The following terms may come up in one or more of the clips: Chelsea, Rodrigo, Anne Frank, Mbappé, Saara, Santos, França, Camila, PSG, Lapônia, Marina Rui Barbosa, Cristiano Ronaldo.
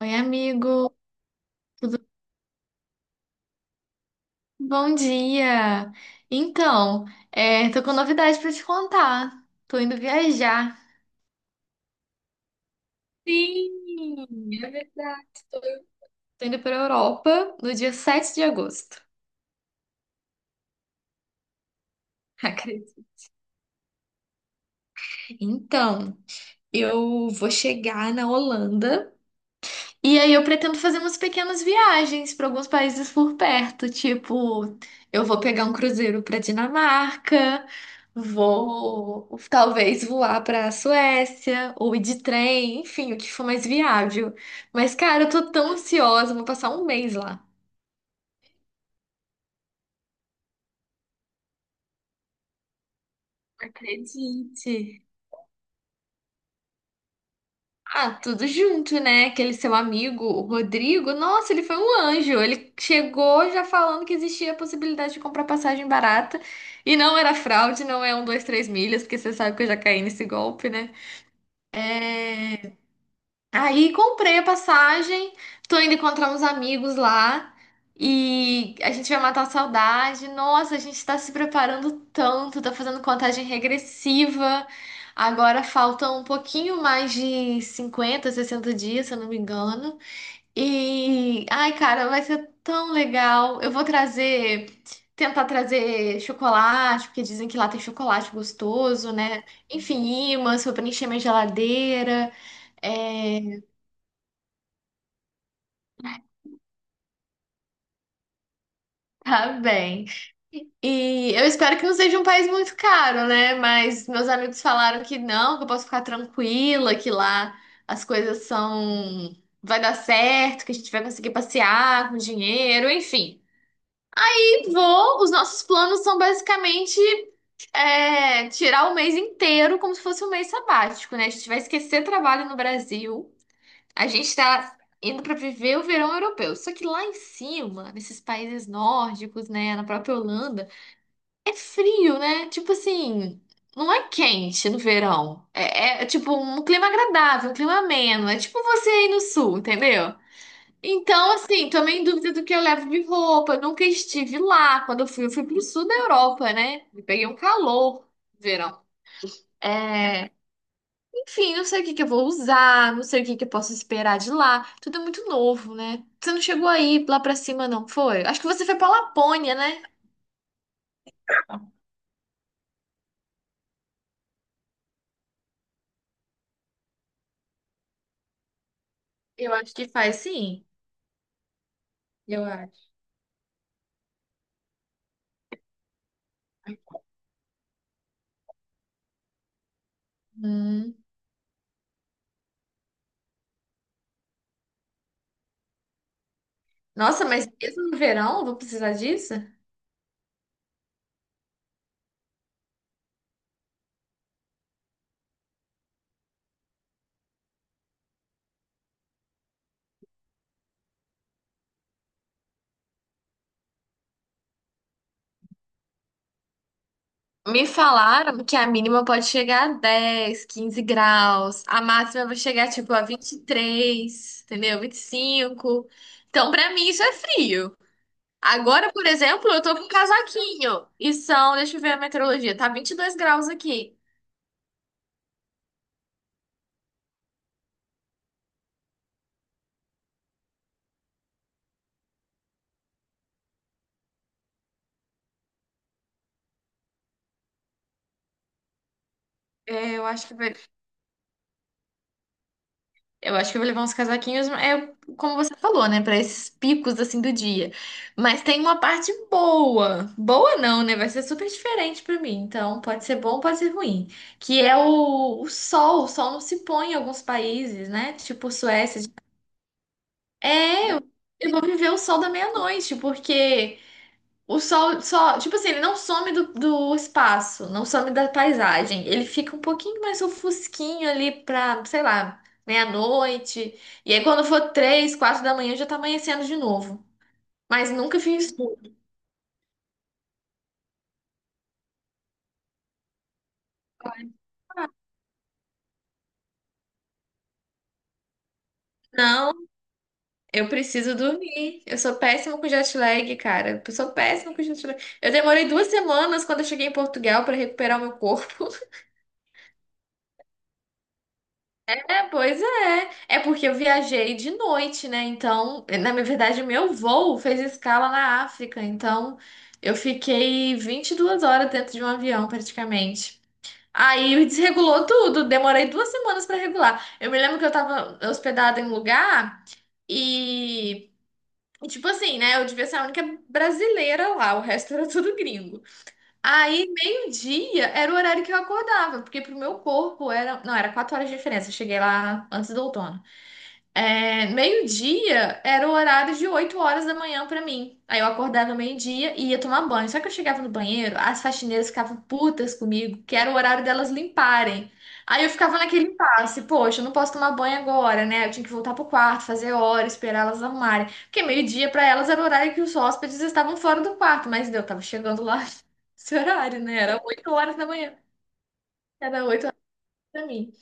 Oi, amigo. Tudo bom dia. Então, é, tô com novidade pra te contar. Tô indo viajar. Sim, é verdade. Tô indo pra Europa no dia 7 de agosto. Acredito. Então, eu vou chegar na Holanda. E aí eu pretendo fazer umas pequenas viagens para alguns países por perto, tipo, eu vou pegar um cruzeiro para Dinamarca, vou talvez voar para Suécia ou ir de trem, enfim, o que for mais viável. Mas cara, eu tô tão ansiosa, vou passar um mês lá. Acredite. Ah, tudo junto, né? Aquele seu amigo, o Rodrigo, nossa, ele foi um anjo. Ele chegou já falando que existia a possibilidade de comprar passagem barata. E não era fraude, não é um, dois, três milhas, porque você sabe que eu já caí nesse golpe, né? É... Aí comprei a passagem, tô indo encontrar uns amigos lá e a gente vai matar a saudade. Nossa, a gente tá se preparando tanto, tá fazendo contagem regressiva. Agora faltam um pouquinho mais de 50, 60 dias, se eu não me engano. E ai, cara, vai ser tão legal. Eu vou trazer, tentar trazer chocolate, porque dizem que lá tem chocolate gostoso, né? Enfim, imãs pra preencher minha geladeira. É, tá bem. E eu espero que não seja um país muito caro, né? Mas meus amigos falaram que não, que eu posso ficar tranquila, que lá as coisas são. Vai dar certo, que a gente vai conseguir passear com dinheiro, enfim. E vou, os nossos planos são basicamente é, tirar o mês inteiro como se fosse um mês sabático, né? A gente vai esquecer trabalho no Brasil. A gente tá indo para viver o verão europeu. Só que lá em cima, nesses países nórdicos, né, na própria Holanda, é frio, né? Tipo assim, não é quente no verão. É tipo um clima agradável, um clima ameno. É tipo você aí no sul, entendeu? Então, assim, tô meio em dúvida do que eu levo de roupa. Eu nunca estive lá. Quando eu fui pro sul da Europa, né? E peguei um calor no verão. É, enfim, não sei o que que eu vou usar, não sei o que que eu posso esperar de lá. Tudo é muito novo, né? Você não chegou aí lá pra cima, não foi? Acho que você foi pra Lapônia, né? Eu acho que faz sim. Eu acho. Hum. Nossa, mas mesmo no verão, vou precisar disso? Me falaram que a mínima pode chegar a 10, 15 graus, a máxima vai chegar tipo a 23, entendeu? 25. Então, pra mim, isso é frio. Agora, por exemplo, eu tô com um casaquinho e são, deixa eu ver a meteorologia, tá 22 graus aqui. É, eu acho que vai. Eu acho que eu vou levar uns casaquinhos, é como você falou, né? Para esses picos assim do dia. Mas tem uma parte boa. Boa não, né? Vai ser super diferente para mim. Então, pode ser bom, pode ser ruim. Que é o sol. O sol não se põe em alguns países, né? Tipo Suécia. É, eu vou viver o sol da meia-noite, porque o sol só, tipo assim, ele não some do espaço, não some da paisagem. Ele fica um pouquinho mais ofusquinho ali pra, sei lá, meia-noite. E aí quando for 3, 4 da manhã já tá amanhecendo de novo. Mas nunca fiz escuro. Não, eu preciso dormir. Eu sou péssima com jet lag, cara. Eu sou péssima com jet lag. Eu demorei 2 semanas quando eu cheguei em Portugal pra recuperar o meu corpo. É, pois é. É porque eu viajei de noite, né? Então, na minha verdade, meu voo fez escala na África. Então, eu fiquei 22 horas dentro de um avião, praticamente. Aí desregulou tudo. Demorei duas semanas pra regular. Eu me lembro que eu tava hospedada em um lugar e. Tipo assim, né? Eu devia ser a única brasileira lá, o resto era tudo gringo. Aí, meio-dia era o horário que eu acordava, porque pro meu corpo era. Não, era 4 horas de diferença. Eu cheguei lá antes do outono. É, meio-dia era o horário de 8 horas da manhã pra mim. Aí eu acordava no meio-dia e ia tomar banho. Só que eu chegava no banheiro, as faxineiras ficavam putas comigo, que era o horário delas limparem. Aí eu ficava naquele impasse, poxa, eu não posso tomar banho agora, né? Eu tinha que voltar pro quarto, fazer hora, esperar elas arrumarem. Porque meio-dia pra elas era o horário que os hóspedes estavam fora do quarto, mas eu tava chegando lá esse horário, né? Era 8 horas da manhã. Era 8 horas pra mim.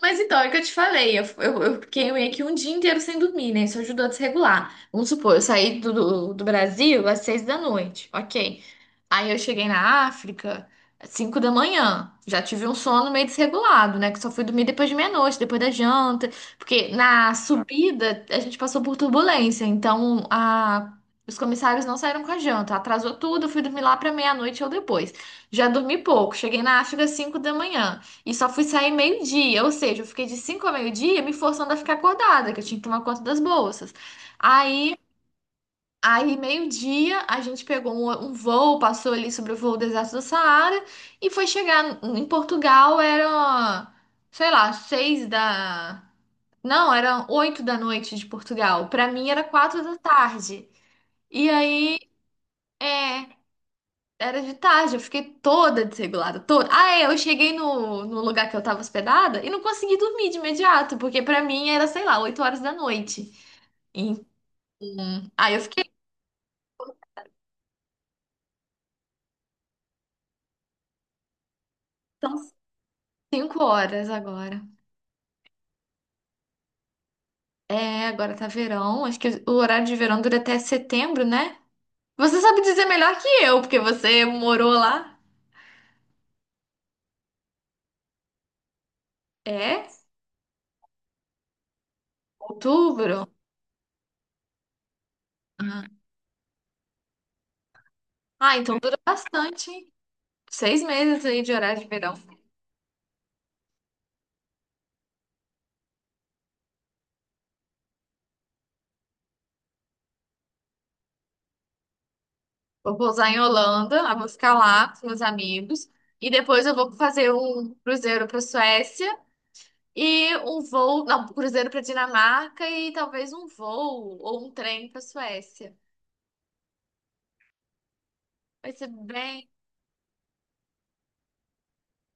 Mas então, é o que eu te falei, eu fiquei meio que um dia inteiro sem dormir, né? Isso ajudou a desregular. Vamos supor, eu saí do Brasil às 6 da noite, ok. Aí eu cheguei na África às 5 da manhã. Já tive um sono meio desregulado, né? Que só fui dormir depois de meia-noite, depois da janta. Porque na subida a gente passou por turbulência, então a. os comissários não saíram com a janta, atrasou tudo, eu fui dormir lá para meia-noite ou depois. Já dormi pouco, cheguei na África às 5 da manhã. E só fui sair meio-dia, ou seja, eu fiquei de 5 a meio-dia me forçando a ficar acordada, que eu tinha que tomar conta das bolsas. Aí, aí, meio-dia, a gente pegou um voo, passou ali sobre o voo do deserto do Saara e foi chegar em Portugal, era, sei lá, seis da. Não, era 8 da noite de Portugal. Pra mim era 4 da tarde. E aí, é. Era de tarde, eu fiquei toda desregulada, toda. Ah, é, eu cheguei no lugar que eu tava hospedada e não consegui dormir de imediato, porque pra mim era, sei lá, 8 horas da noite. Então, aí eu fiquei, são 5 horas agora. É, agora tá verão, acho que o horário de verão dura até setembro, né? Você sabe dizer melhor que eu, porque você morou lá. É? Outubro? Ah, ah, então dura bastante, hein? 6 meses aí de horário de verão. Eu vou pousar em Holanda, eu vou ficar lá com os meus amigos. E depois eu vou fazer um cruzeiro para Suécia e um voo, não, um cruzeiro para Dinamarca e talvez um voo ou um trem para Suécia. Vai ser bem.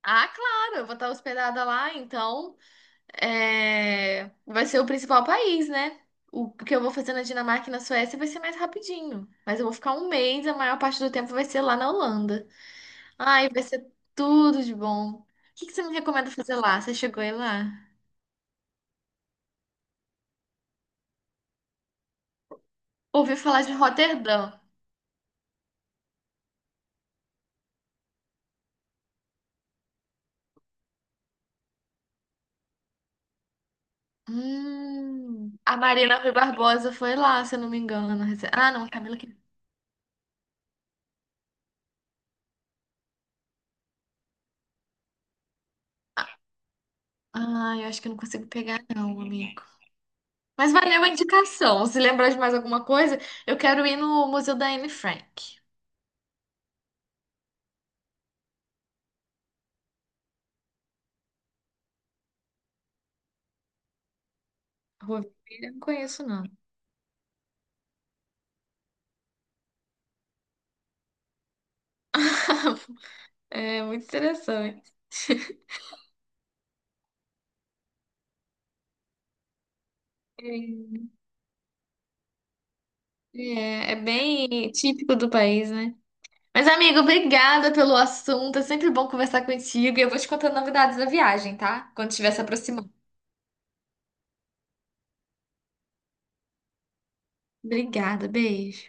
Ah, claro, eu vou estar hospedada lá, então é, vai ser o principal país, né? O que eu vou fazer na Dinamarca e na Suécia vai ser mais rapidinho. Mas eu vou ficar um mês, a maior parte do tempo vai ser lá na Holanda. Ai, vai ser tudo de bom. O que que você me recomenda fazer lá? Você chegou aí lá? Ouvi falar de Roterdã. A Marina Rui Barbosa foi lá, se eu não me engano. Ah, não, a Camila que. Ah, eu acho que eu não consigo pegar, não, amigo. Mas valeu a indicação. Se lembrar de mais alguma coisa, eu quero ir no Museu da Anne Frank. Rua Vermelha, eu não conheço, não. É muito interessante. É, é bem típico do país, né? Mas, amigo, obrigada pelo assunto. É sempre bom conversar contigo. E eu vou te contando novidades da viagem, tá? Quando estiver se aproximando. Obrigada, beijo.